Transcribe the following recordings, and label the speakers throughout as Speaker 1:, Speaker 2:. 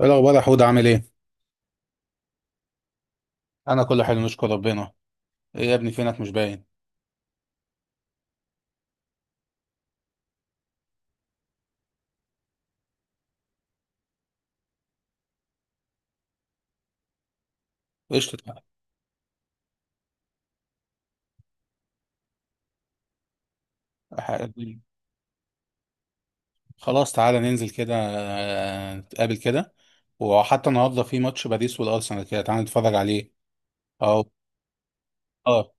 Speaker 1: ايه الاخبار يا حود، عامل ايه؟ انا كله حلو، نشكر ربنا. ايه يا ابني، فينك مش باين؟ قشطة. ح- خلاص تعالى ننزل كده، نتقابل كده. وحتى النهارده في ماتش باريس والارسنال، كده تعالى نتفرج عليه. اه، اه،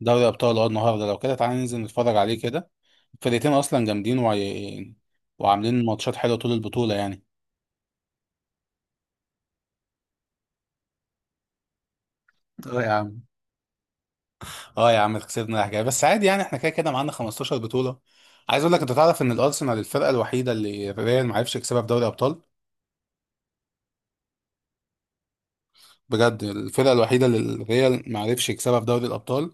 Speaker 1: دوري ابطال. اه، النهارده لو كده تعالى ننزل نتفرج عليه كده. الفرقتين اصلا جامدين وعاملين ماتشات حلوه طول البطوله يعني. اه يا عم، اه يا عم، خسرنا حاجه بس عادي يعني، احنا كده كده معانا 15 بطوله. عايز اقول لك، انت تعرف ان الارسنال الفرقه الوحيده اللي الريال ما عرفش يكسبها في دوري ابطال. بجد، الفرقه الوحيده اللي الريال ما عرفش يكسبها في دوري الابطال.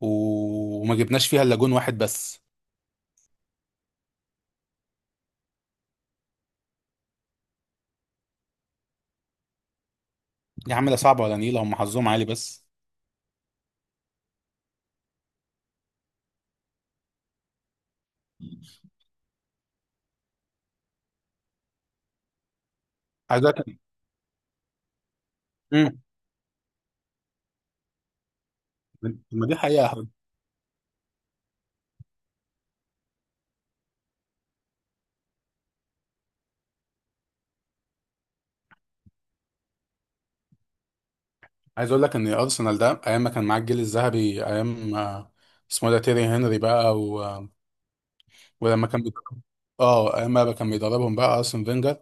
Speaker 1: وما جبناش فيها الا جون واحد بس. يا عم، لا صعبه ولا نيله، هم حظهم عالي بس. عايز اقول لك. امم. ما دي حقيقه. عايز اقول لك ان ارسنال ده ايام ما كان معاه الجيل الذهبي، ايام اسمه إيه ده، تيري هنري بقى ولما كان بيدرب، اه ايام ما كان بيدربهم بقى ارسن فينجر.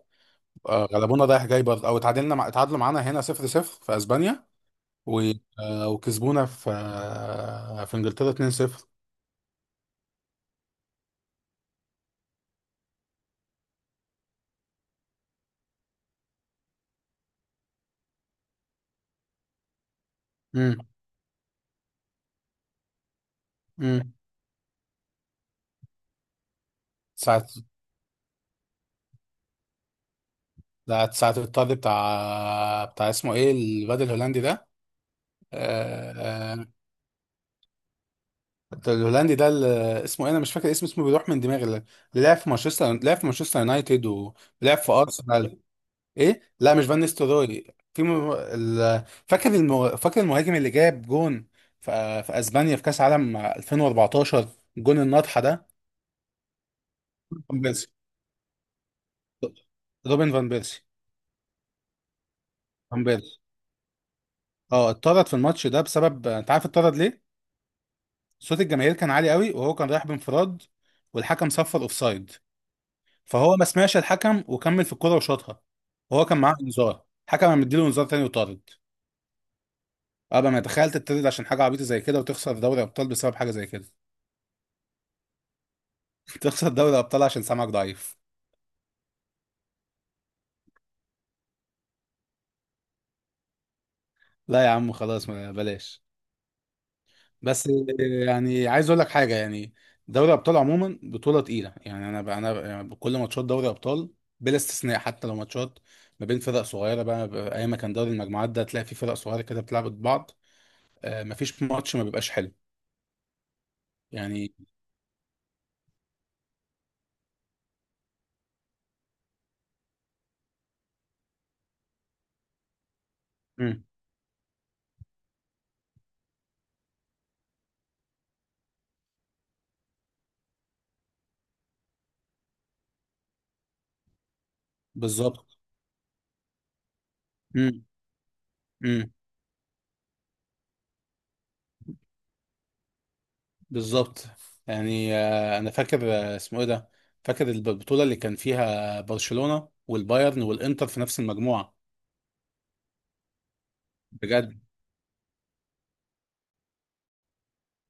Speaker 1: غلبونا رايح جاي برضه، او اتعادلنا اتعادلوا معانا هنا 0-0 في اسبانيا و... وكسبونا في انجلترا 2-0. امم. ساعة ده ساعة الطرد بتاع، اسمه ايه الواد الهولندي ده؟ آه، آه، الهولندي ده اللي اسمه ايه، انا مش فاكر اسمه، بيروح من دماغي، اللي لعب في مانشستر يونايتد ولعب في ارسنال. ايه، لا مش فان نيستلروي. في م... ال... فاكر الم... فاكر المهاجم اللي جاب جون في اسبانيا في كاس عالم 2014، الجون الناطحه ده. فان بيرسي روبن فان بيرسي. فان بيرسي، اه اتطرد في الماتش ده بسبب، انت عارف اتطرد ليه؟ صوت الجماهير كان عالي قوي، وهو كان رايح بانفراد والحكم صفر اوفسايد. فهو ما سمعش الحكم وكمل في الكرة وشاطها. وهو كان معاه انذار، حكم قام مديله انذار تاني وطارد. ابقى ما تخيل تطرد عشان حاجه عبيطه زي كده، وتخسر دوري ابطال بسبب حاجه زي كده. تخسر دوري ابطال عشان سمعك ضعيف. لا يا عم خلاص، ما بلاش. بس. يعني عايز اقول لك حاجه يعني، دوري ابطال عموما بطوله تقيله، يعني انا يعني كل ماتشات دوري ابطال بلا استثناء، حتى لو ماتشات ما بين فرق صغيره، بقى ايام ما كان دوري المجموعات ده تلاقي فيه فرق صغيره كده بتلعب ضد بعض، آه مفيش ماتش ما بيبقاش حلو يعني. امم. بالظبط. امم. امم. بالظبط. يعني انا فاكر، اسمه ايه ده، فاكر البطوله اللي كان فيها برشلونه والبايرن والانتر في نفس المجموعه. بجد.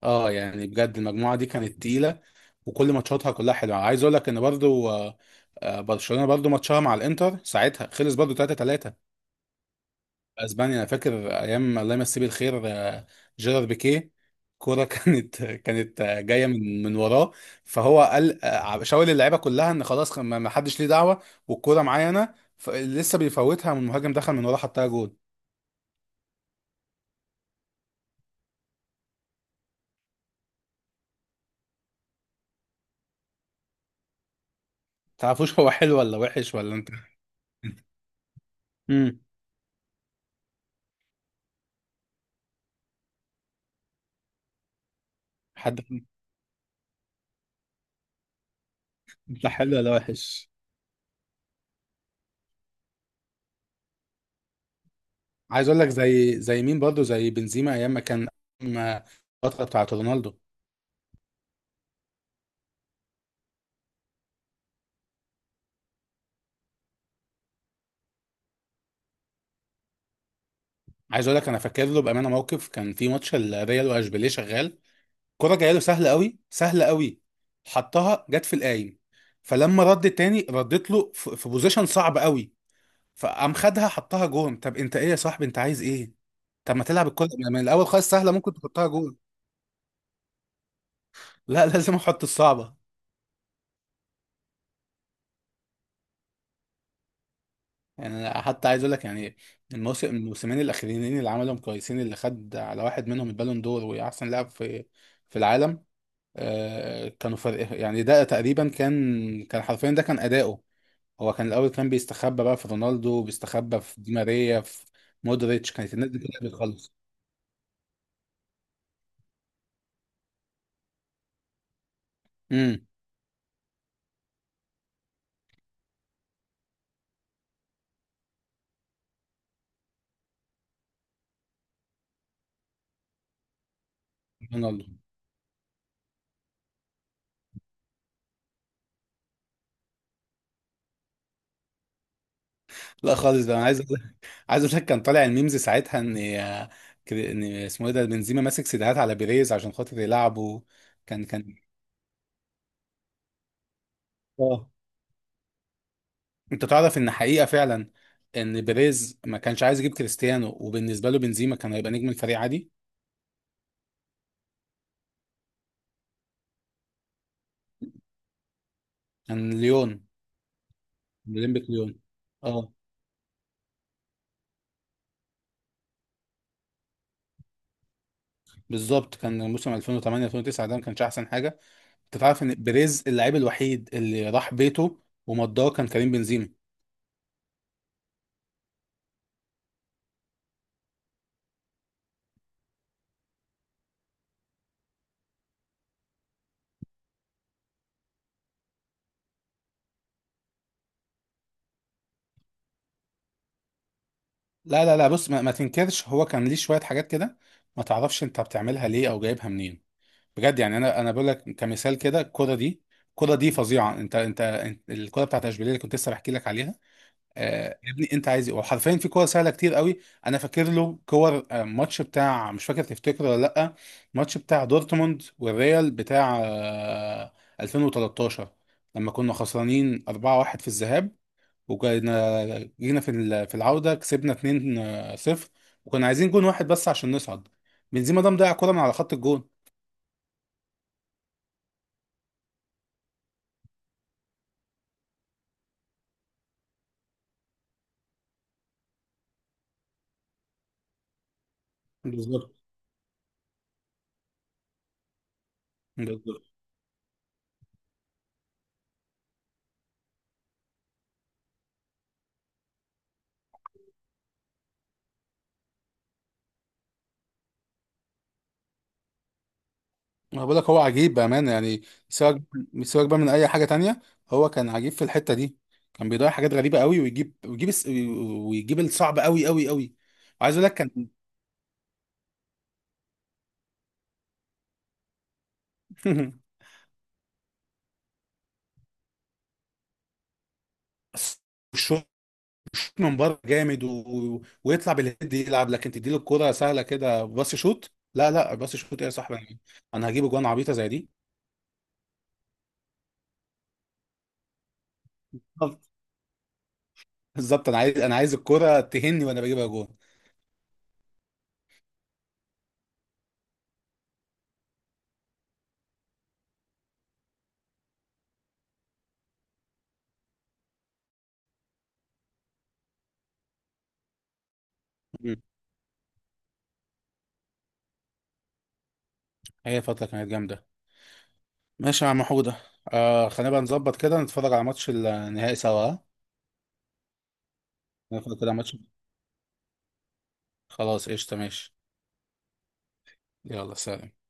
Speaker 1: اه يعني بجد، المجموعه دي كانت تقيله وكل ماتشاتها كلها حلوه. عايز اقول لك ان برضو برشلونه برضو ماتشها مع الانتر ساعتها خلص برضو 3-3. اسبانيا، انا فاكر ايام الله يمسيه بالخير، جيرار بيكيه. كوره كانت جايه من وراه، فهو قال شاور اللعيبه كلها ان خلاص ما حدش ليه دعوه، والكوره معايا انا، لسه بيفوتها والمهاجم دخل من وراه حطها جول. تعرفوش هو حلو ولا وحش ولا انت؟ مم. حد، ده حلو ولا وحش؟ عايز اقول لك زي مين برضه، زي بنزيما ايام ما كان ما- الفتره بتاعت رونالدو. عايز اقول لك انا فاكر له بامانه موقف، كان في ماتش الريال واشبيليه شغال، كرة جايه له سهله قوي سهله قوي، حطها جت في القايم. فلما رد تاني ردت له في بوزيشن صعب قوي، فقام خدها حطها جون. طب انت ايه يا صاحبي، انت عايز ايه؟ طب ما تلعب الكرة من الاول خالص سهله، ممكن تحطها جون. لا لازم احط الصعبه. يعني أنا حتى عايز اقول لك، يعني الموسمين الاخرين اللي عملهم كويسين، اللي خد على واحد منهم البالون دور واحسن لاعب في في العالم، آه كانوا فرق يعني. ده تقريبا كان حرفيا ده كان اداؤه. هو كان الاول كان بيستخبى بقى في رونالدو، بيستخبى في دي ماريا، في مودريتش، كانت الناس دي كلها بتخلص. امم. رونالدو. لا خالص، ده انا عايز اقول لك، عايز اقول لك كان طالع الميمز ساعتها ان ان اسمه ايه ده، بنزيما ماسك سيديهات على بيريز عشان خاطر يلعبه. كان. اه، انت تعرف ان حقيقة فعلا ان بيريز ما كانش عايز يجيب كريستيانو، وبالنسبة له بنزيما كان هيبقى نجم الفريق عادي. كان ليون. اولمبيك ليون. اه. بالظبط، كان موسم 2008-2009 ده ما كانش احسن حاجة. انت تعرف ان بيريز اللاعب الوحيد اللي راح بيته ومضاه كان كريم بنزيما. لا، لا، لا، بص ما تنكرش، هو كان ليه شوية حاجات كده ما تعرفش انت بتعملها ليه او جايبها منين. بجد يعني، انا بقول لك كمثال، كده الكرة دي، الكرة دي فظيعة، الكرة بتاعت اشبيليه اللي كنت لسه بحكي لك عليها، يا ابني انت عايز ايه، وحرفيا في كور سهله كتير قوي. انا فاكر له كور، ماتش بتاع، مش فاكر تفتكره ولا لا؟ ماتش بتاع دورتموند والريال بتاع 2013، لما كنا خسرانين 4-1 في الذهاب، وجينا في العوده كسبنا 2-0، وكنا عايزين جون واحد بس عشان نصعد، بنزيما ده مضيع كوره من على خط الجون. بالظبط. بالظبط. انا بقول لك هو عجيب بامانه يعني، سواء، بقى من اي حاجه تانية، هو كان عجيب في الحته دي، كان بيضيع حاجات غريبه قوي، ويجيب الصعب قوي قوي قوي. وعايز اقول لك كان الشوط الشوط من بره جامد ويطلع بالهيد يلعب، لكن تديله الكوره سهله كده باص شوت، لا لا باص شوت، ايه يا صاحبي؟ انا، أنا هجيب جوان عبيطه زي دي. بالظبط، بالظبط، انا عايز الكوره تهني وانا بجيبها جوان. مم. هي فتره كانت جامده. ماشي يا عم حودة، آه خلينا بقى نظبط كده نتفرج على ماتش النهائي سوا، ها؟ نتفرج كده على ماتش. خلاص قشطة، ماشي. يلا سلام.